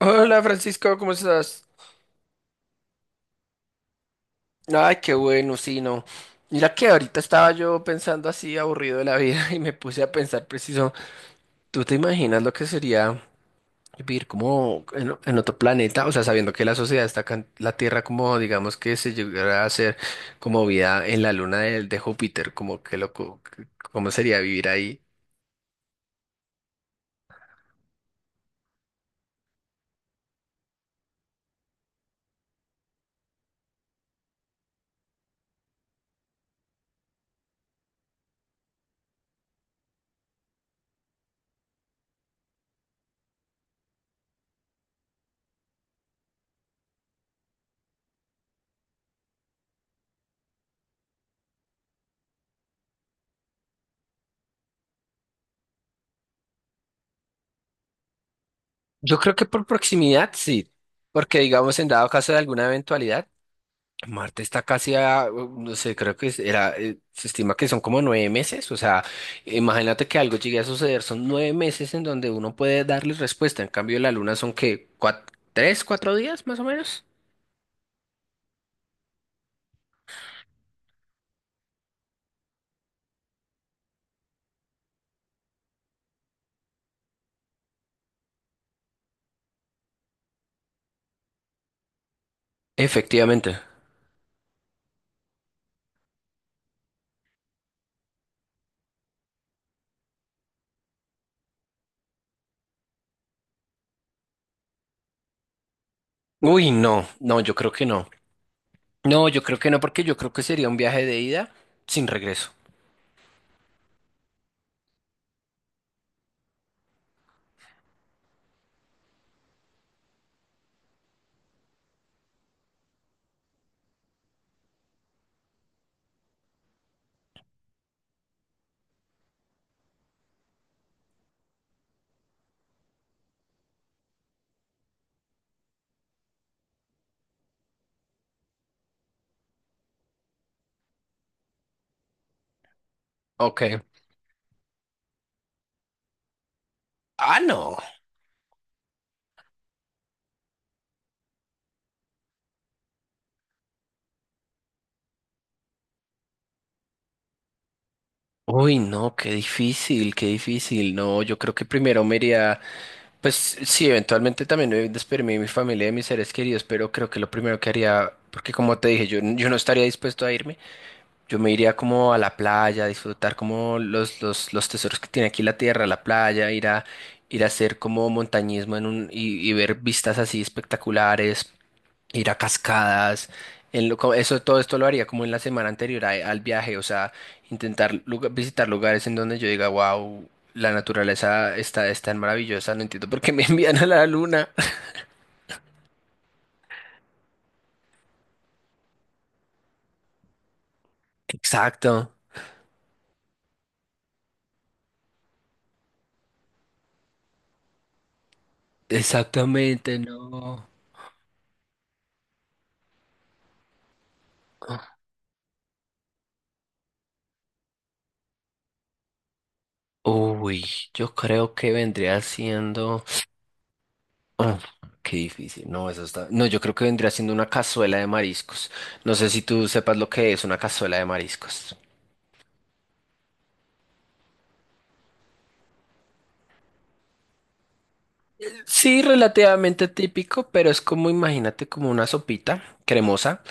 Hola Francisco, ¿cómo estás? Ay, qué bueno, sí, no. Mira que ahorita estaba yo pensando así, aburrido de la vida, y me puse a pensar preciso, ¿tú te imaginas lo que sería vivir como en otro planeta? O sea, sabiendo que la sociedad está acá en la Tierra, como digamos que se llegara a hacer como vida en la luna de Júpiter, como que loco, ¿cómo sería vivir ahí? Yo creo que por proximidad, sí, porque digamos en dado caso de alguna eventualidad. Marte está casi a, no sé, creo que era, se estima que son como 9 meses, o sea, imagínate que algo llegue a suceder, son 9 meses en donde uno puede darle respuesta, en cambio la Luna son que, 3, 4 días más o menos. Efectivamente. Uy, no, no, yo creo que no. No, yo creo que no, porque yo creo que sería un viaje de ida sin regreso. Ok. Ah, no. Uy, no, qué difícil, qué difícil. No, yo creo que primero me iría. Pues sí, eventualmente también me despedirme de mi familia y de mis seres queridos, pero creo que lo primero que haría, porque como te dije, yo no estaría dispuesto a irme, yo me iría como a la playa, a disfrutar como los tesoros que tiene aquí la tierra, la playa, ir a hacer como montañismo en un, y ver vistas así espectaculares, ir a cascadas, eso, todo esto lo haría como en la semana anterior al viaje, o sea, intentar visitar lugares en donde yo diga, wow, la naturaleza está, es tan maravillosa, no entiendo por qué me envían a la luna. Exacto, exactamente, no. Uy, yo creo que vendría siendo. Ah, qué difícil, no, eso está. No, yo creo que vendría siendo una cazuela de mariscos. No sé si tú sepas lo que es una cazuela de mariscos. Sí, relativamente típico, pero es como, imagínate, como una sopita cremosa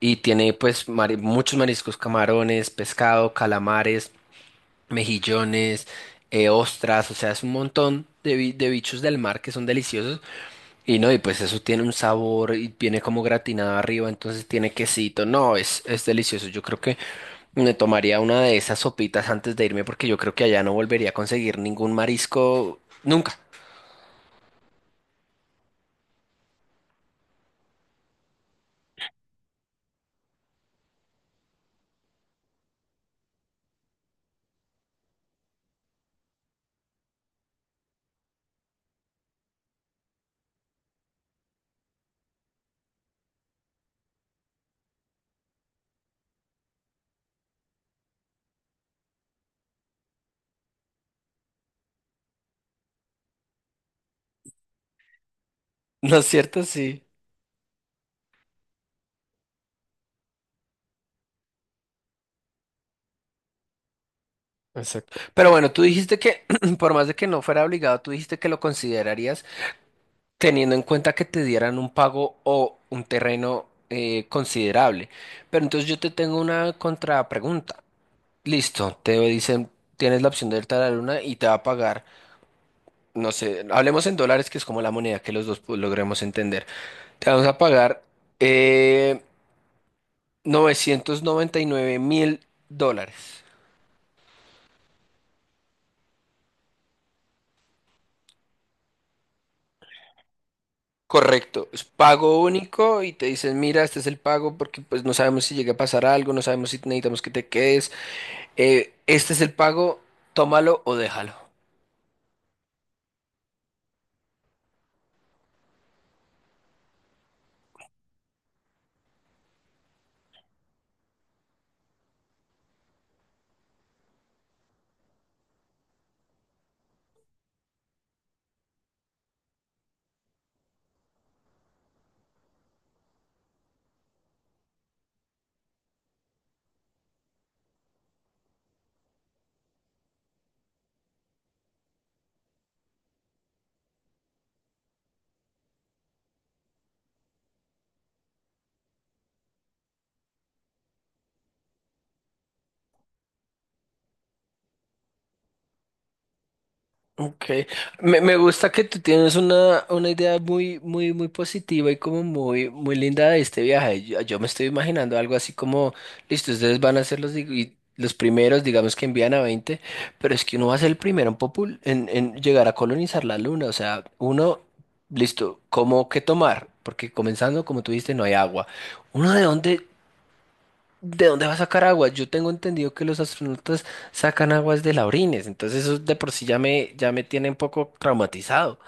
y tiene pues muchos mariscos, camarones, pescado, calamares, mejillones, ostras, o sea, es un montón de bichos del mar que son deliciosos y no, y pues eso tiene un sabor y viene como gratinado arriba, entonces tiene quesito, no, es, delicioso, yo creo que me tomaría una de esas sopitas antes de irme porque yo creo que allá no volvería a conseguir ningún marisco nunca, ¿no es cierto? Sí. Exacto. Pero bueno, tú dijiste que, por más de que no fuera obligado, tú dijiste que lo considerarías teniendo en cuenta que te dieran un pago o un terreno considerable. Pero entonces yo te tengo una contrapregunta. Listo, te dicen, tienes la opción de irte a la luna y te va a pagar, no sé, hablemos en dólares, que es como la moneda que los dos pues, logremos entender. Te vamos a pagar eh, 999 mil dólares. Correcto, es pago único y te dicen, mira, este es el pago porque pues no sabemos si llega a pasar algo, no sabemos si necesitamos que te quedes, este es el pago, tómalo o déjalo. Ok, me gusta que tú tienes una, idea muy, muy, muy positiva y como muy, muy linda de este viaje. Yo me estoy imaginando algo así como, listo, ustedes van a ser los primeros, digamos que envían a 20, pero es que uno va a ser el primero en llegar a colonizar la luna. O sea, uno, listo, ¿cómo qué tomar? Porque comenzando, como tú dijiste, no hay agua. ¿Uno de dónde? ¿De dónde va a sacar agua? Yo tengo entendido que los astronautas sacan aguas de la orines, entonces eso de por sí ya me tiene un poco traumatizado.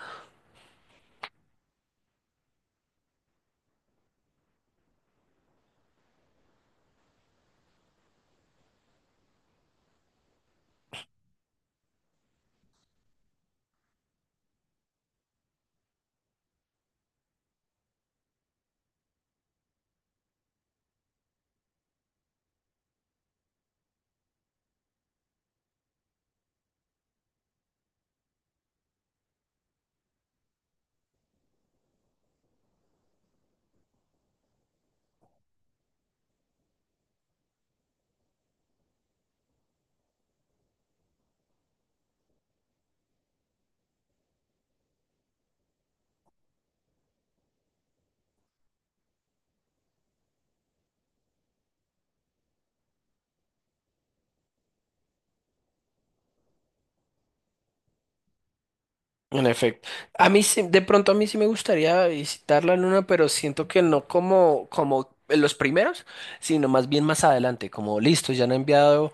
En efecto. De pronto a mí sí me gustaría visitar la luna, pero siento que no como los primeros, sino más bien más adelante, como listo, ya han enviado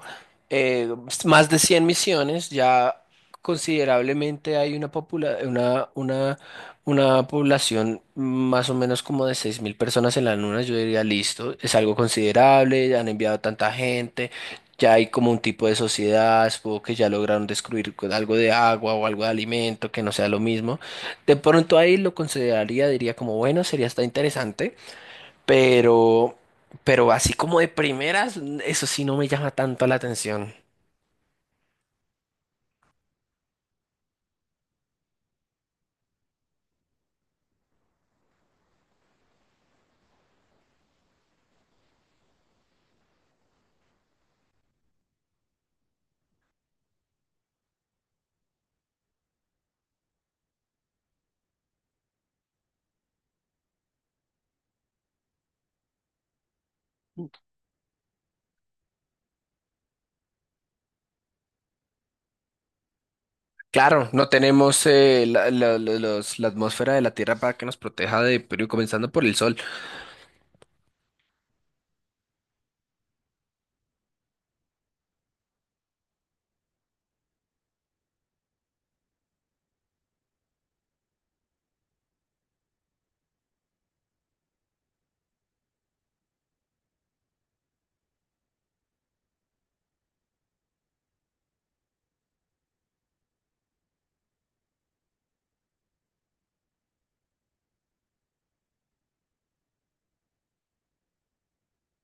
eh, más de 100 misiones, ya considerablemente hay una, una población más o menos como de 6.000 personas en la luna, yo diría listo, es algo considerable, ya han enviado tanta gente. Ya hay como un tipo de sociedad, supongo que ya lograron descubrir algo de agua o algo de alimento que no sea lo mismo. De pronto ahí lo consideraría, diría como, bueno, sería hasta interesante, pero, pero, así como de primeras, eso sí no me llama tanto la atención. Claro, no tenemos la, la atmósfera de la Tierra para que nos proteja de, pero comenzando por el sol.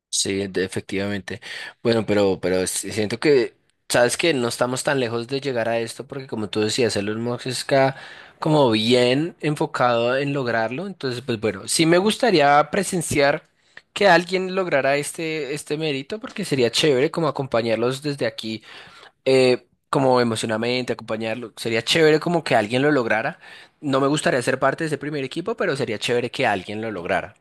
Sí, efectivamente. Bueno, pero, sí siento que, sabes que no estamos tan lejos de llegar a esto, porque como tú decías, Elon Musk está como bien enfocado en lograrlo. Entonces, pues bueno, sí me gustaría presenciar que alguien lograra este mérito, porque sería chévere como acompañarlos desde aquí, como emocionalmente, acompañarlo. Sería chévere como que alguien lo lograra. No me gustaría ser parte de ese primer equipo, pero sería chévere que alguien lo lograra.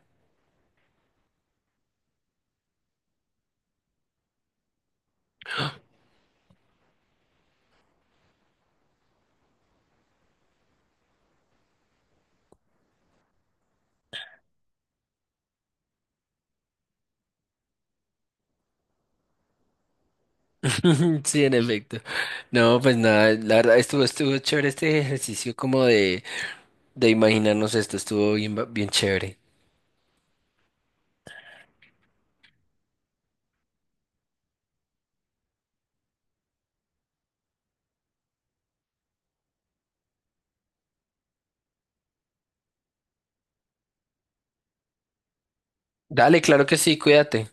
Sí, en efecto. No, pues nada, la verdad estuvo, chévere este ejercicio como de imaginarnos esto, estuvo bien, bien chévere. Dale, claro que sí, cuídate.